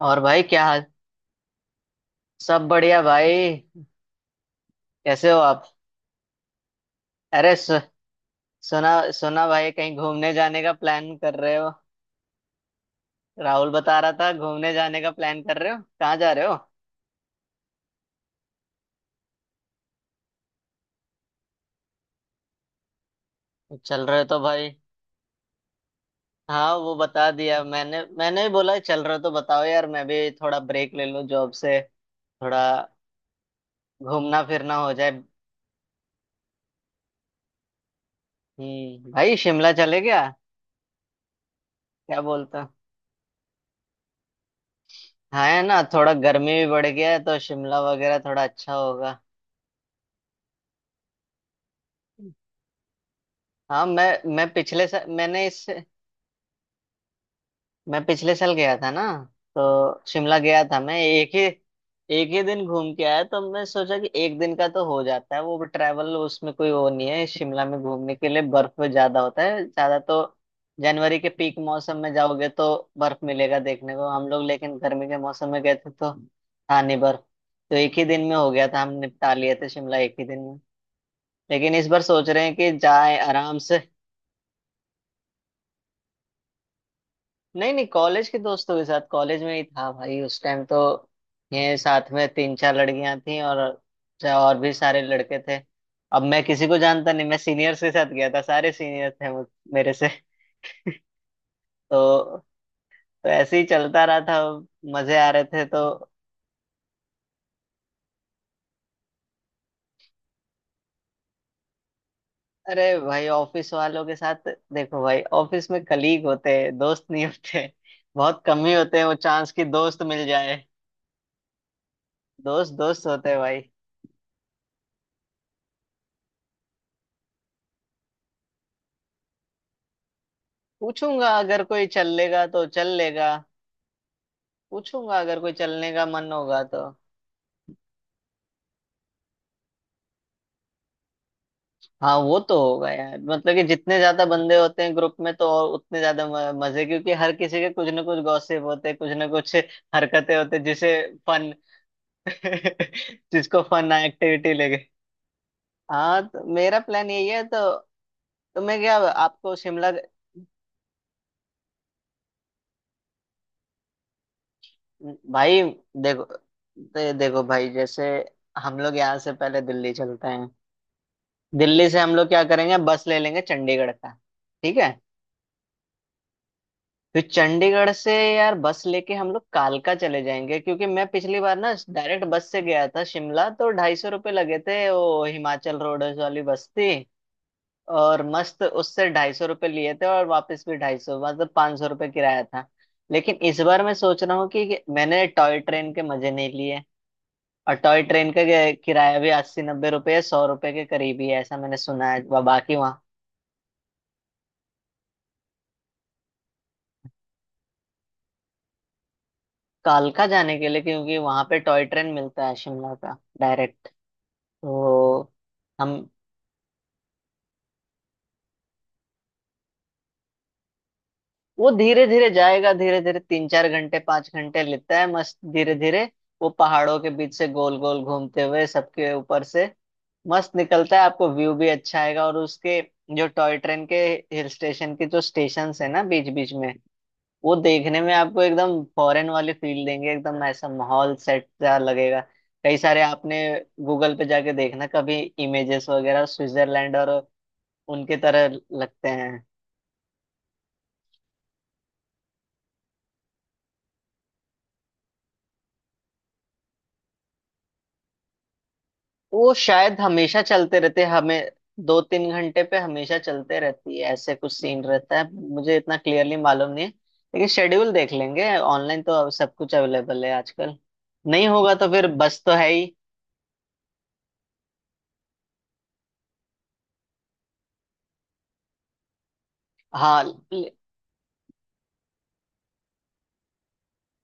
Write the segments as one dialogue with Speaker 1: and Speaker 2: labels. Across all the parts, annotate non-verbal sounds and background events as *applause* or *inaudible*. Speaker 1: और भाई क्या हाल। सब बढ़िया भाई। कैसे हो आप? अरे सु, सुना सुना भाई कहीं घूमने जाने का प्लान कर रहे हो? राहुल बता रहा था घूमने जाने का प्लान कर रहे हो, कहाँ जा रहे हो? चल रहे हो तो भाई। हाँ वो बता दिया, मैंने मैंने भी बोला चल रहे हो तो बताओ यार, मैं भी थोड़ा ब्रेक ले लूँ जॉब से, थोड़ा घूमना फिरना हो जाए। भाई शिमला चले गया। क्या बोलता। हाँ है ना, थोड़ा गर्मी भी बढ़ गया है तो शिमला वगैरह थोड़ा अच्छा होगा। हाँ मैंने इस, मैं पिछले साल गया था ना, तो शिमला गया था मैं। एक ही दिन घूम के आया तो मैं सोचा कि एक दिन का तो हो जाता है, वो भी ट्रैवल, उसमें कोई वो नहीं है शिमला में घूमने के लिए। बर्फ ज्यादा होता है ज्यादा, तो जनवरी के पीक मौसम में जाओगे तो बर्फ मिलेगा देखने को हम लोग, लेकिन गर्मी के मौसम में गए थे तो था नहीं बर्फ। तो एक ही दिन में हो गया था, हम निपटा लिए थे शिमला एक ही दिन में। लेकिन इस बार सोच रहे हैं कि जाए आराम से। नहीं नहीं, कॉलेज के दोस्तों के साथ, कॉलेज में ही था भाई उस टाइम तो। ये साथ में तीन चार लड़कियां थी और और भी सारे लड़के थे। अब मैं किसी को जानता नहीं, मैं सीनियर्स के साथ गया था, सारे सीनियर थे मेरे से। तो तो ऐसे ही चलता रहा था, मजे आ रहे थे तो। अरे भाई ऑफिस वालों के साथ देखो भाई, ऑफिस में कलीग होते हैं दोस्त नहीं होते, बहुत कम ही होते हैं वो चांस की दोस्त मिल जाए। दोस्त दोस्त होते हैं भाई। पूछूंगा अगर कोई चल लेगा तो चल लेगा, पूछूंगा अगर कोई चलने का मन होगा तो। हाँ वो तो होगा यार, मतलब कि जितने ज्यादा बंदे होते हैं ग्रुप में तो और उतने ज्यादा मजे, क्योंकि हर किसी के कुछ ना कुछ गॉसिप होते हैं, कुछ ना कुछ हरकतें होते हैं जिसे फन, *laughs* जिसको फन एक्टिविटी लगे। हाँ तो मेरा प्लान यही है तो। तुम्हें क्या, आपको शिमला, भाई देखो, देखो भाई जैसे, हम लोग यहाँ से पहले दिल्ली चलते हैं, दिल्ली से हम लोग क्या करेंगे बस ले लेंगे चंडीगढ़ का, ठीक है, फिर चंडीगढ़ से यार बस लेके हम लोग कालका चले जाएंगे। क्योंकि मैं पिछली बार ना डायरेक्ट बस से गया था शिमला तो 250 रुपये लगे थे, वो हिमाचल रोड वाली बस थी, और मस्त, उससे 250 रुपये लिए थे और वापस भी 250, मतलब 500 रुपये किराया था। लेकिन इस बार मैं सोच रहा हूँ कि मैंने टॉय ट्रेन के मजे नहीं लिए, और टॉय ट्रेन का किराया भी 80 90 रुपये 100 रुपये के करीब ही है ऐसा मैंने सुना है, बाकी वहाँ कालका जाने के लिए क्योंकि वहां पे टॉय ट्रेन मिलता है शिमला का डायरेक्ट। तो हम, वो धीरे धीरे जाएगा, धीरे धीरे 3 4 घंटे 5 घंटे लेता है मस्त, धीरे धीरे वो पहाड़ों के बीच से गोल गोल घूमते हुए सबके ऊपर से मस्त निकलता है, आपको व्यू भी अच्छा आएगा। और उसके, जो टॉय ट्रेन के हिल स्टेशन के जो स्टेशन है ना बीच बीच में, वो देखने में आपको एकदम फॉरेन वाली फील देंगे, एकदम ऐसा माहौल सेट सा लगेगा। कई सारे आपने गूगल पे जाके देखना कभी इमेजेस वगैरह, स्विट्जरलैंड और उनके तरह लगते हैं। वो शायद हमेशा चलते रहते हैं, हमें 2 3 घंटे पे हमेशा चलते रहती है ऐसे कुछ सीन रहता है, मुझे इतना क्लियरली मालूम नहीं है, लेकिन शेड्यूल देख लेंगे ऑनलाइन, तो अब सब कुछ अवेलेबल है आजकल, नहीं होगा तो फिर बस तो है ही। हाँ। ल-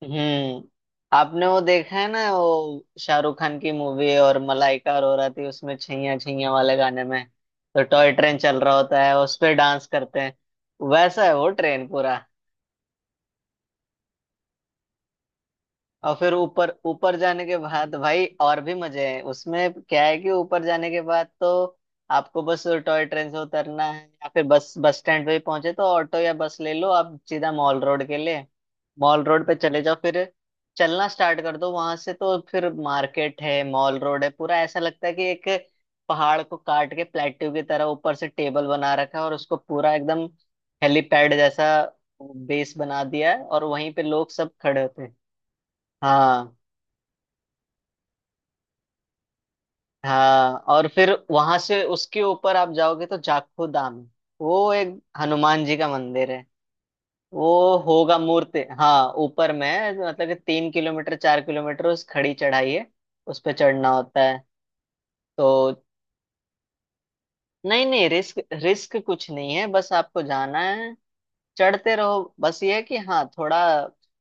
Speaker 1: हम्म आपने वो देखा है ना, वो शाहरुख खान की मूवी और मलाइका अरोरा थी उसमें छैया छैया वाले गाने में, तो टॉय ट्रेन चल रहा होता है उस पे डांस करते हैं, वैसा है वो ट्रेन पूरा। और फिर ऊपर ऊपर जाने के बाद भाई और भी मजे हैं उसमें, क्या है कि ऊपर जाने के बाद तो आपको बस टॉय ट्रेन से उतरना है या फिर बस, बस स्टैंड पे ही पहुंचे तो ऑटो या बस ले लो आप सीधा मॉल रोड के लिए, मॉल रोड पे चले जाओ, फिर चलना स्टार्ट कर दो वहां से, तो फिर मार्केट है मॉल रोड है पूरा, ऐसा लगता है कि एक पहाड़ को काट के प्लेट्यू की तरह ऊपर से टेबल बना रखा है और उसको पूरा एकदम हेलीपैड जैसा बेस बना दिया है, और वहीं पे लोग सब खड़े होते हैं। हाँ। हाँ और फिर वहां से उसके ऊपर आप जाओगे तो जाखू धाम, वो एक हनुमान जी का मंदिर है, वो होगा मूर्ति, हाँ ऊपर में है, मतलब कि 3 किलोमीटर 4 किलोमीटर उस खड़ी चढ़ाई है, उस पे चढ़ना होता है तो। नहीं नहीं, रिस्क रिस्क कुछ नहीं है, बस आपको जाना है, चढ़ते रहो, बस ये है कि हाँ थोड़ा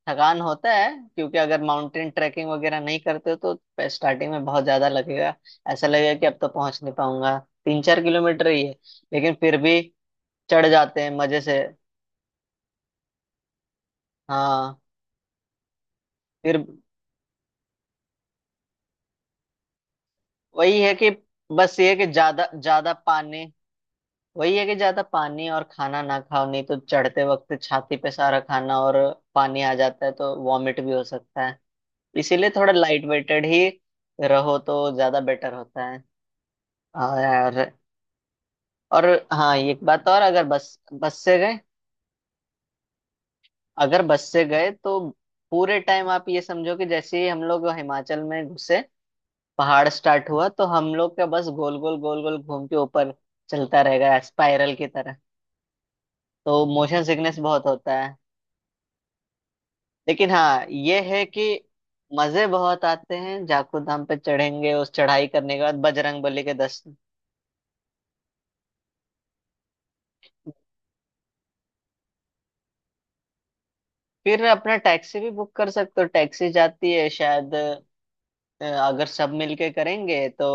Speaker 1: थकान होता है, क्योंकि अगर माउंटेन ट्रैकिंग वगैरह नहीं करते हो तो स्टार्टिंग में बहुत ज्यादा लगेगा, ऐसा लगेगा कि अब तो पहुंच नहीं पाऊंगा, 3 4 किलोमीटर ही है, लेकिन फिर भी चढ़ जाते हैं मजे से। हाँ। फिर वही है कि, बस ये है कि ज्यादा ज्यादा पानी, वही है कि ज्यादा पानी और खाना ना खाओ, नहीं तो चढ़ते वक्त छाती पे सारा खाना और पानी आ जाता है तो वॉमिट भी हो सकता है, इसीलिए थोड़ा लाइट वेटेड ही रहो तो ज्यादा बेटर होता है। हाँ यार। और, हाँ एक बात और, अगर बस बस से गए, अगर बस से गए तो पूरे टाइम आप ये समझो कि जैसे ही हम लोग हिमाचल में घुसे, पहाड़ स्टार्ट हुआ तो हम लोग का बस गोल गोल गोल गोल घूम के ऊपर चलता रहेगा स्पाइरल की तरह, तो मोशन सिकनेस बहुत होता है। लेकिन हाँ ये है कि मजे बहुत आते हैं, जाखू धाम पे चढ़ेंगे उस चढ़ाई करने के बाद बजरंग बली के दस। फिर अपना टैक्सी भी बुक कर सकते हो, टैक्सी जाती है शायद, अगर सब मिलके करेंगे तो,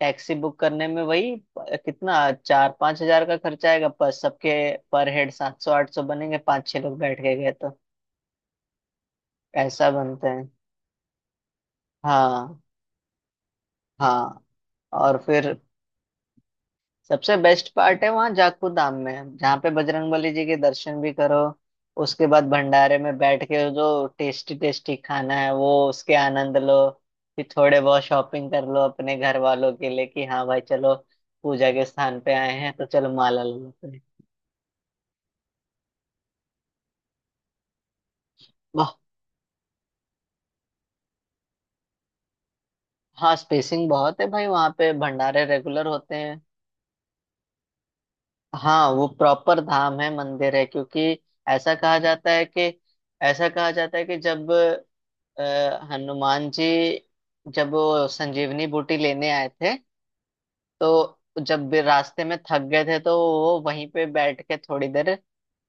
Speaker 1: टैक्सी बुक करने में वही कितना 4 5 हज़ार का खर्चा आएगा, पर सबके पर हेड 700 800 बनेंगे, पांच छह लोग बैठ के गए तो ऐसा बनते हैं। हाँ हाँ। और फिर सबसे बेस्ट पार्ट है वहाँ जाखू धाम में, जहाँ पे बजरंगबली जी के दर्शन भी करो, उसके बाद भंडारे में बैठ के जो टेस्टी टेस्टी खाना है वो उसके आनंद लो, फिर थोड़े बहुत शॉपिंग कर लो अपने घर वालों के लिए कि हाँ भाई चलो पूजा के स्थान पे आए हैं तो चलो माला ले लेते हैं। वाह। हाँ स्पेसिंग बहुत है भाई, वहाँ पे भंडारे रेगुलर होते हैं। हाँ वो प्रॉपर धाम है मंदिर है, क्योंकि ऐसा कहा जाता है कि, ऐसा कहा जाता है कि जब, अ, हनुमान जी जब वो संजीवनी बूटी लेने आए थे तो, जब भी रास्ते में थक गए थे तो वो वहीं पे बैठ के थोड़ी देर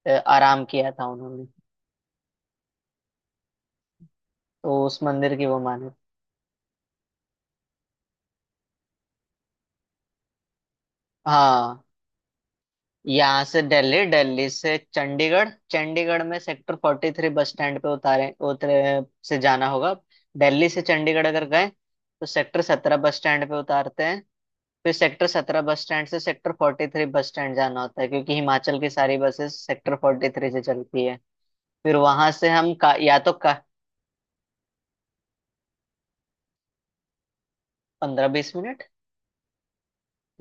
Speaker 1: आराम किया था उन्होंने, तो उस मंदिर की वो माने। हाँ यहाँ से दिल्ली, दिल्ली से चंडीगढ़, चंडीगढ़ में सेक्टर 43 बस स्टैंड पे उतारे उतरे से जाना होगा, दिल्ली से चंडीगढ़ अगर गए तो सेक्टर 17 बस स्टैंड पे उतारते हैं, फिर सेक्टर 17 बस स्टैंड से सेक्टर 43 बस स्टैंड जाना होता है, क्योंकि हिमाचल की सारी बसेस सेक्टर 43 से चलती है, फिर वहां से हम या तो का 15 20 मिनट,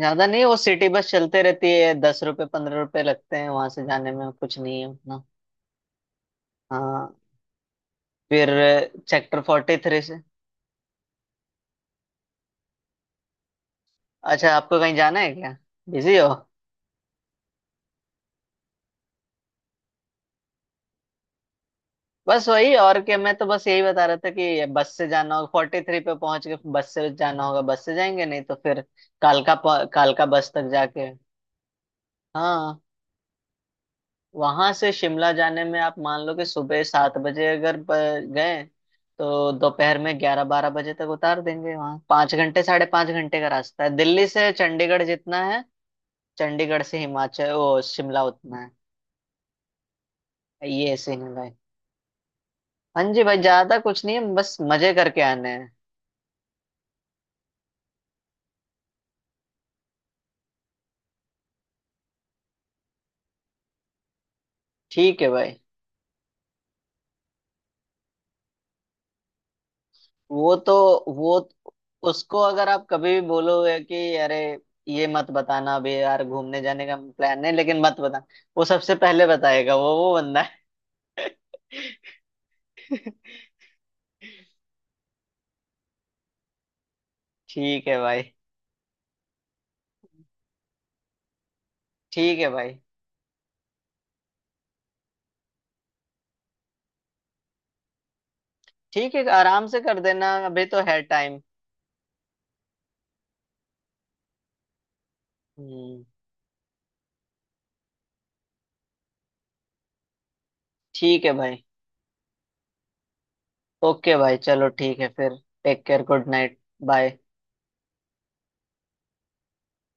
Speaker 1: ज्यादा नहीं, वो सिटी बस चलते रहती है, 10 रुपये 15 रुपये लगते हैं वहां से जाने में, कुछ नहीं है उतना। हाँ फिर सेक्टर 43 से, अच्छा आपको कहीं जाना है क्या, बिजी हो? बस वही और क्या, मैं तो बस यही बता रहा था कि बस से जाना होगा, 43 पे पहुंच के बस से जाना होगा, बस से जाएंगे नहीं तो फिर कालका बस तक जाके। हाँ वहां से शिमला जाने में आप मान लो कि सुबह 7 बजे अगर गए तो दोपहर में 11 12 बजे तक उतार देंगे वहां, 5 घंटे 5.5 घंटे का रास्ता है, दिल्ली से चंडीगढ़ जितना है, चंडीगढ़ से हिमाचल वो शिमला उतना है, ये सीन है भाई। हाँ जी भाई ज्यादा कुछ नहीं है, बस मजे करके आने हैं। ठीक है भाई। वो तो वो उसको अगर आप कभी भी बोलोगे कि अरे, ये मत बताना, अभी यार घूमने जाने का प्लान है लेकिन मत बताना, वो सबसे पहले बताएगा, वो बंदा है। *laughs* ठीक है भाई। ठीक है भाई। ठीक है आराम से कर देना, अभी तो है टाइम। हम्म ठीक है भाई, ओके भाई चलो ठीक है फिर। Take care, good night, bye.